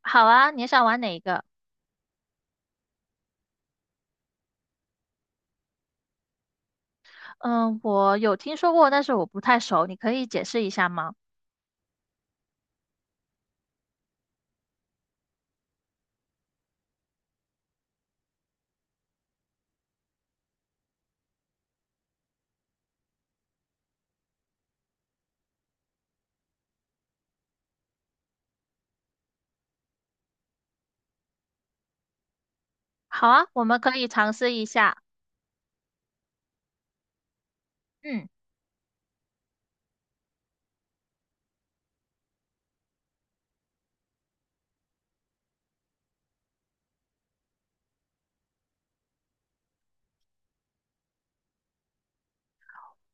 好啊，你想玩哪一个？嗯，我有听说过，但是我不太熟，你可以解释一下吗？好啊，我们可以尝试一下。嗯，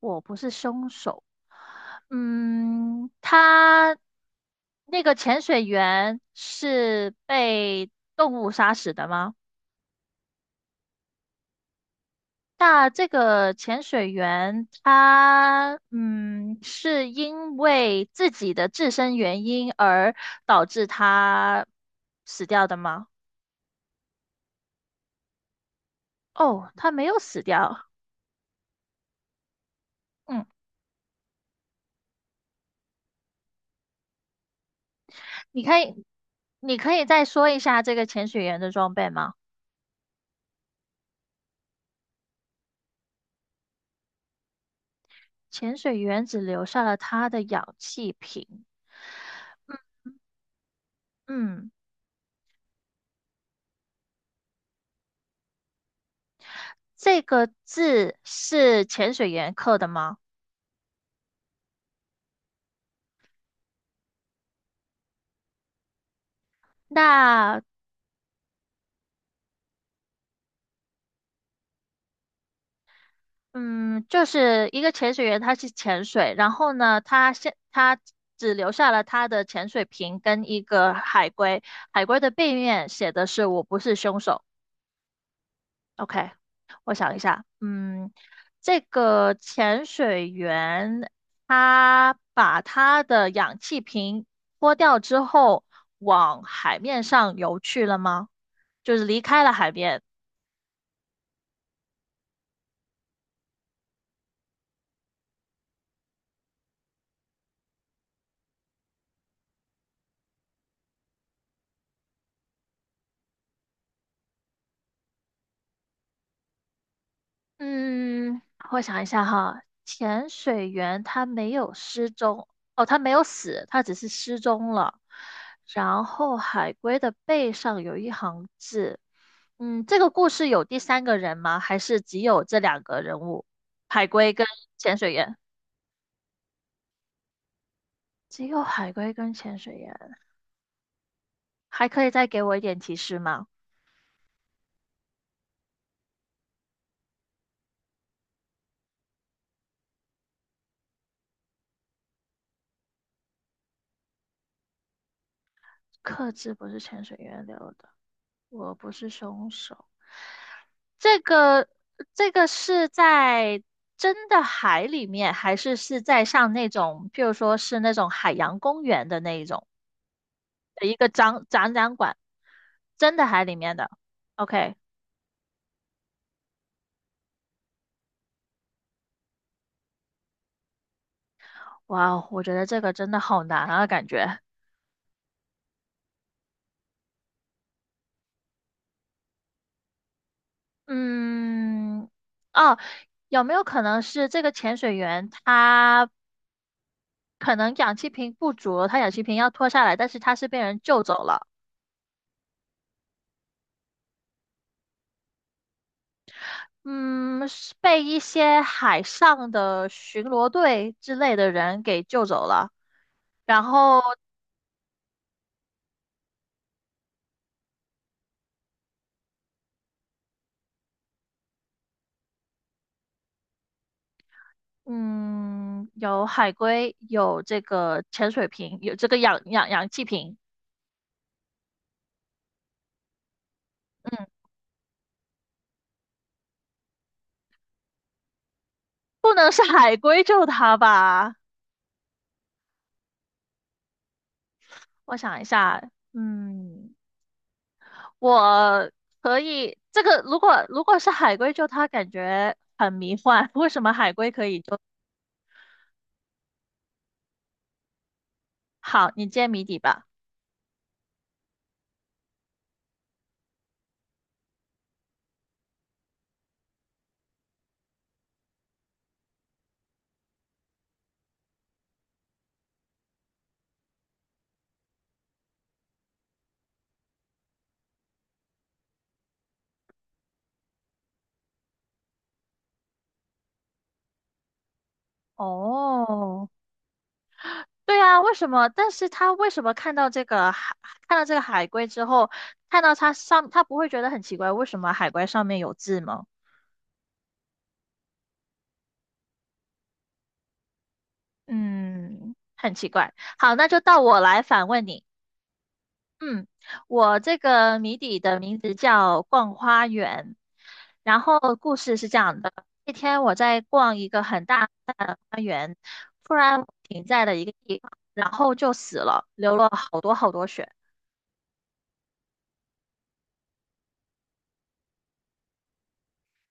我不是凶手。嗯，他那个潜水员是被动物杀死的吗？那这个潜水员他是因为自己的自身原因而导致他死掉的吗？哦，他没有死掉。嗯。你可以，你可以再说一下这个潜水员的装备吗？潜水员只留下了他的氧气瓶。嗯，这个字是潜水员刻的吗？那，嗯，就是一个潜水员，他去潜水，然后呢，他只留下了他的潜水瓶跟一个海龟，海龟的背面写的是“我不是凶手”。OK，我想一下，嗯，这个潜水员他把他的氧气瓶脱掉之后，往海面上游去了吗？就是离开了海边。嗯，我想一下哈，潜水员他没有失踪，哦，他没有死，他只是失踪了。然后海龟的背上有一行字，嗯，这个故事有第三个人吗？还是只有这两个人物，海龟跟潜水员？只有海龟跟潜水员，还可以再给我一点提示吗？克制不是潜水员留的，我不是凶手。这个这个是在真的海里面，还是是在上那种，譬如说是那种海洋公园的那一种的一个展览馆，真的海里面的。OK，哇哦我觉得这个真的好难啊，感觉。嗯，哦，有没有可能是这个潜水员他可能氧气瓶不足，他氧气瓶要脱下来，但是他是被人救走了？嗯，是被一些海上的巡逻队之类的人给救走了。然后，嗯，有海龟，有这个潜水瓶，有这个氧气瓶。嗯，不能是海龟救他吧？我想一下，嗯，我可以，这个如果是海龟救他，感觉很迷幻。为什么海龟可以救？好，你揭谜底吧。哦。对啊，为什么？但是他为什么看到这个海，看到这个海龟之后，看到它上，他不会觉得很奇怪，为什么海龟上面有字吗？嗯，很奇怪。好，那就到我来反问你。嗯，我这个谜底的名字叫《逛花园》，然后故事是这样的：那天我在逛一个很大的花园，突然停在了一个地方，然后就死了，流了好多好多血。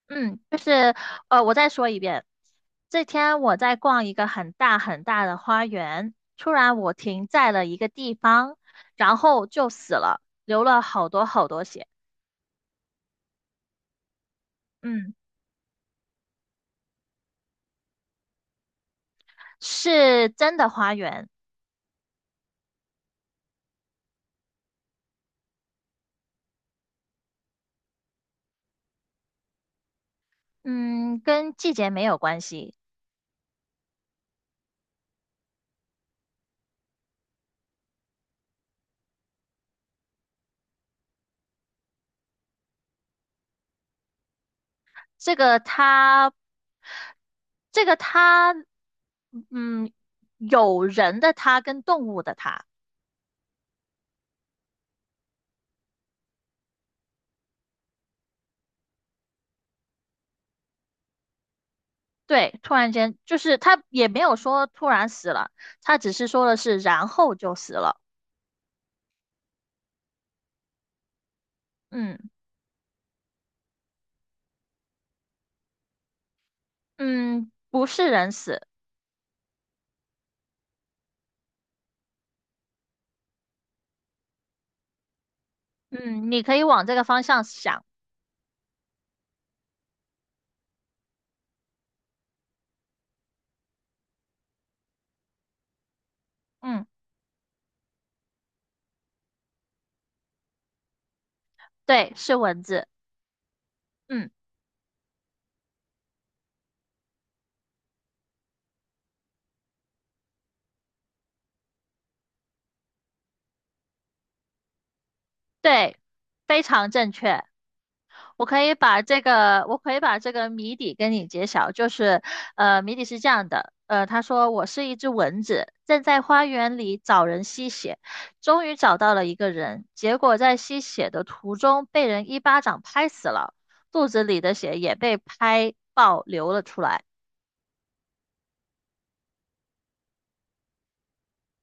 嗯，就是我再说一遍。这天我在逛一个很大很大的花园，突然我停在了一个地方，然后就死了，流了好多好多血。嗯，是真的花园，嗯，跟季节没有关系。这个它，这个它，嗯，有人的它跟动物的它。对，突然间就是他也没有说突然死了，他只是说的是然后就死了。嗯，嗯，不是人死。嗯，你可以往这个方向想。嗯，对，是蚊子。嗯，对，非常正确。我可以把这个谜底跟你揭晓，就是，谜底是这样的，他说我是一只蚊子，正在花园里找人吸血，终于找到了一个人，结果在吸血的途中被人一巴掌拍死了，肚子里的血也被拍爆流了出来，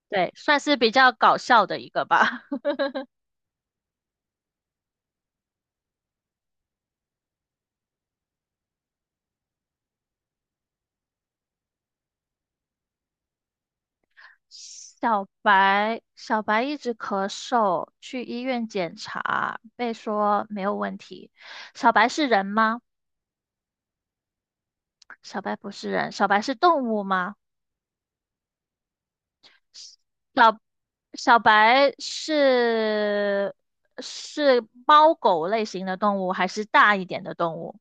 对，算是比较搞笑的一个吧。小白，小白一直咳嗽，去医院检查，被说没有问题。小白是人吗？小白不是人，小白是动物吗？小小白是是猫狗类型的动物，还是大一点的动物？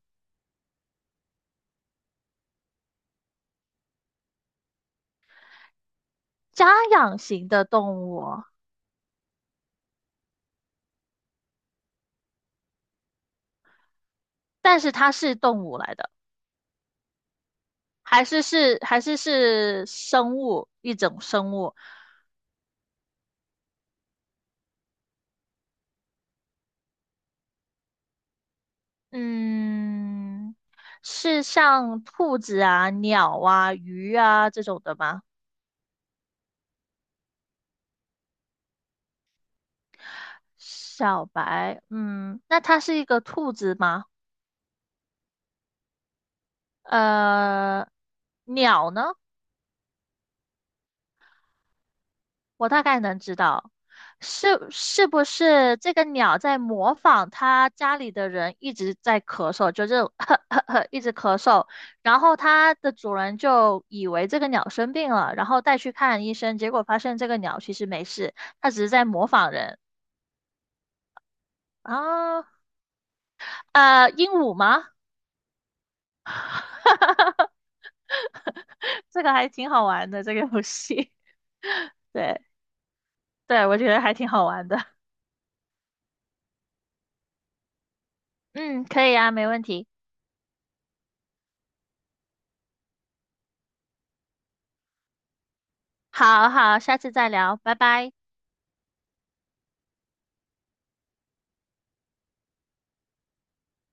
家养型的动物，但是它是动物来的，还是生物，一种生物。嗯，是像兔子啊、鸟啊、鱼啊这种的吗？小白，嗯，那它是一个兔子吗？呃，鸟呢？我大概能知道，是是不是这个鸟在模仿它家里的人一直在咳嗽，就这种 呵呵呵一直咳嗽，然后它的主人就以为这个鸟生病了，然后带去看医生，结果发现这个鸟其实没事，它只是在模仿人啊。鹦鹉吗？这个还挺好玩的，这个游戏。对，对，我觉得还挺好玩的。嗯，可以啊，没问题。好好，下次再聊，拜拜。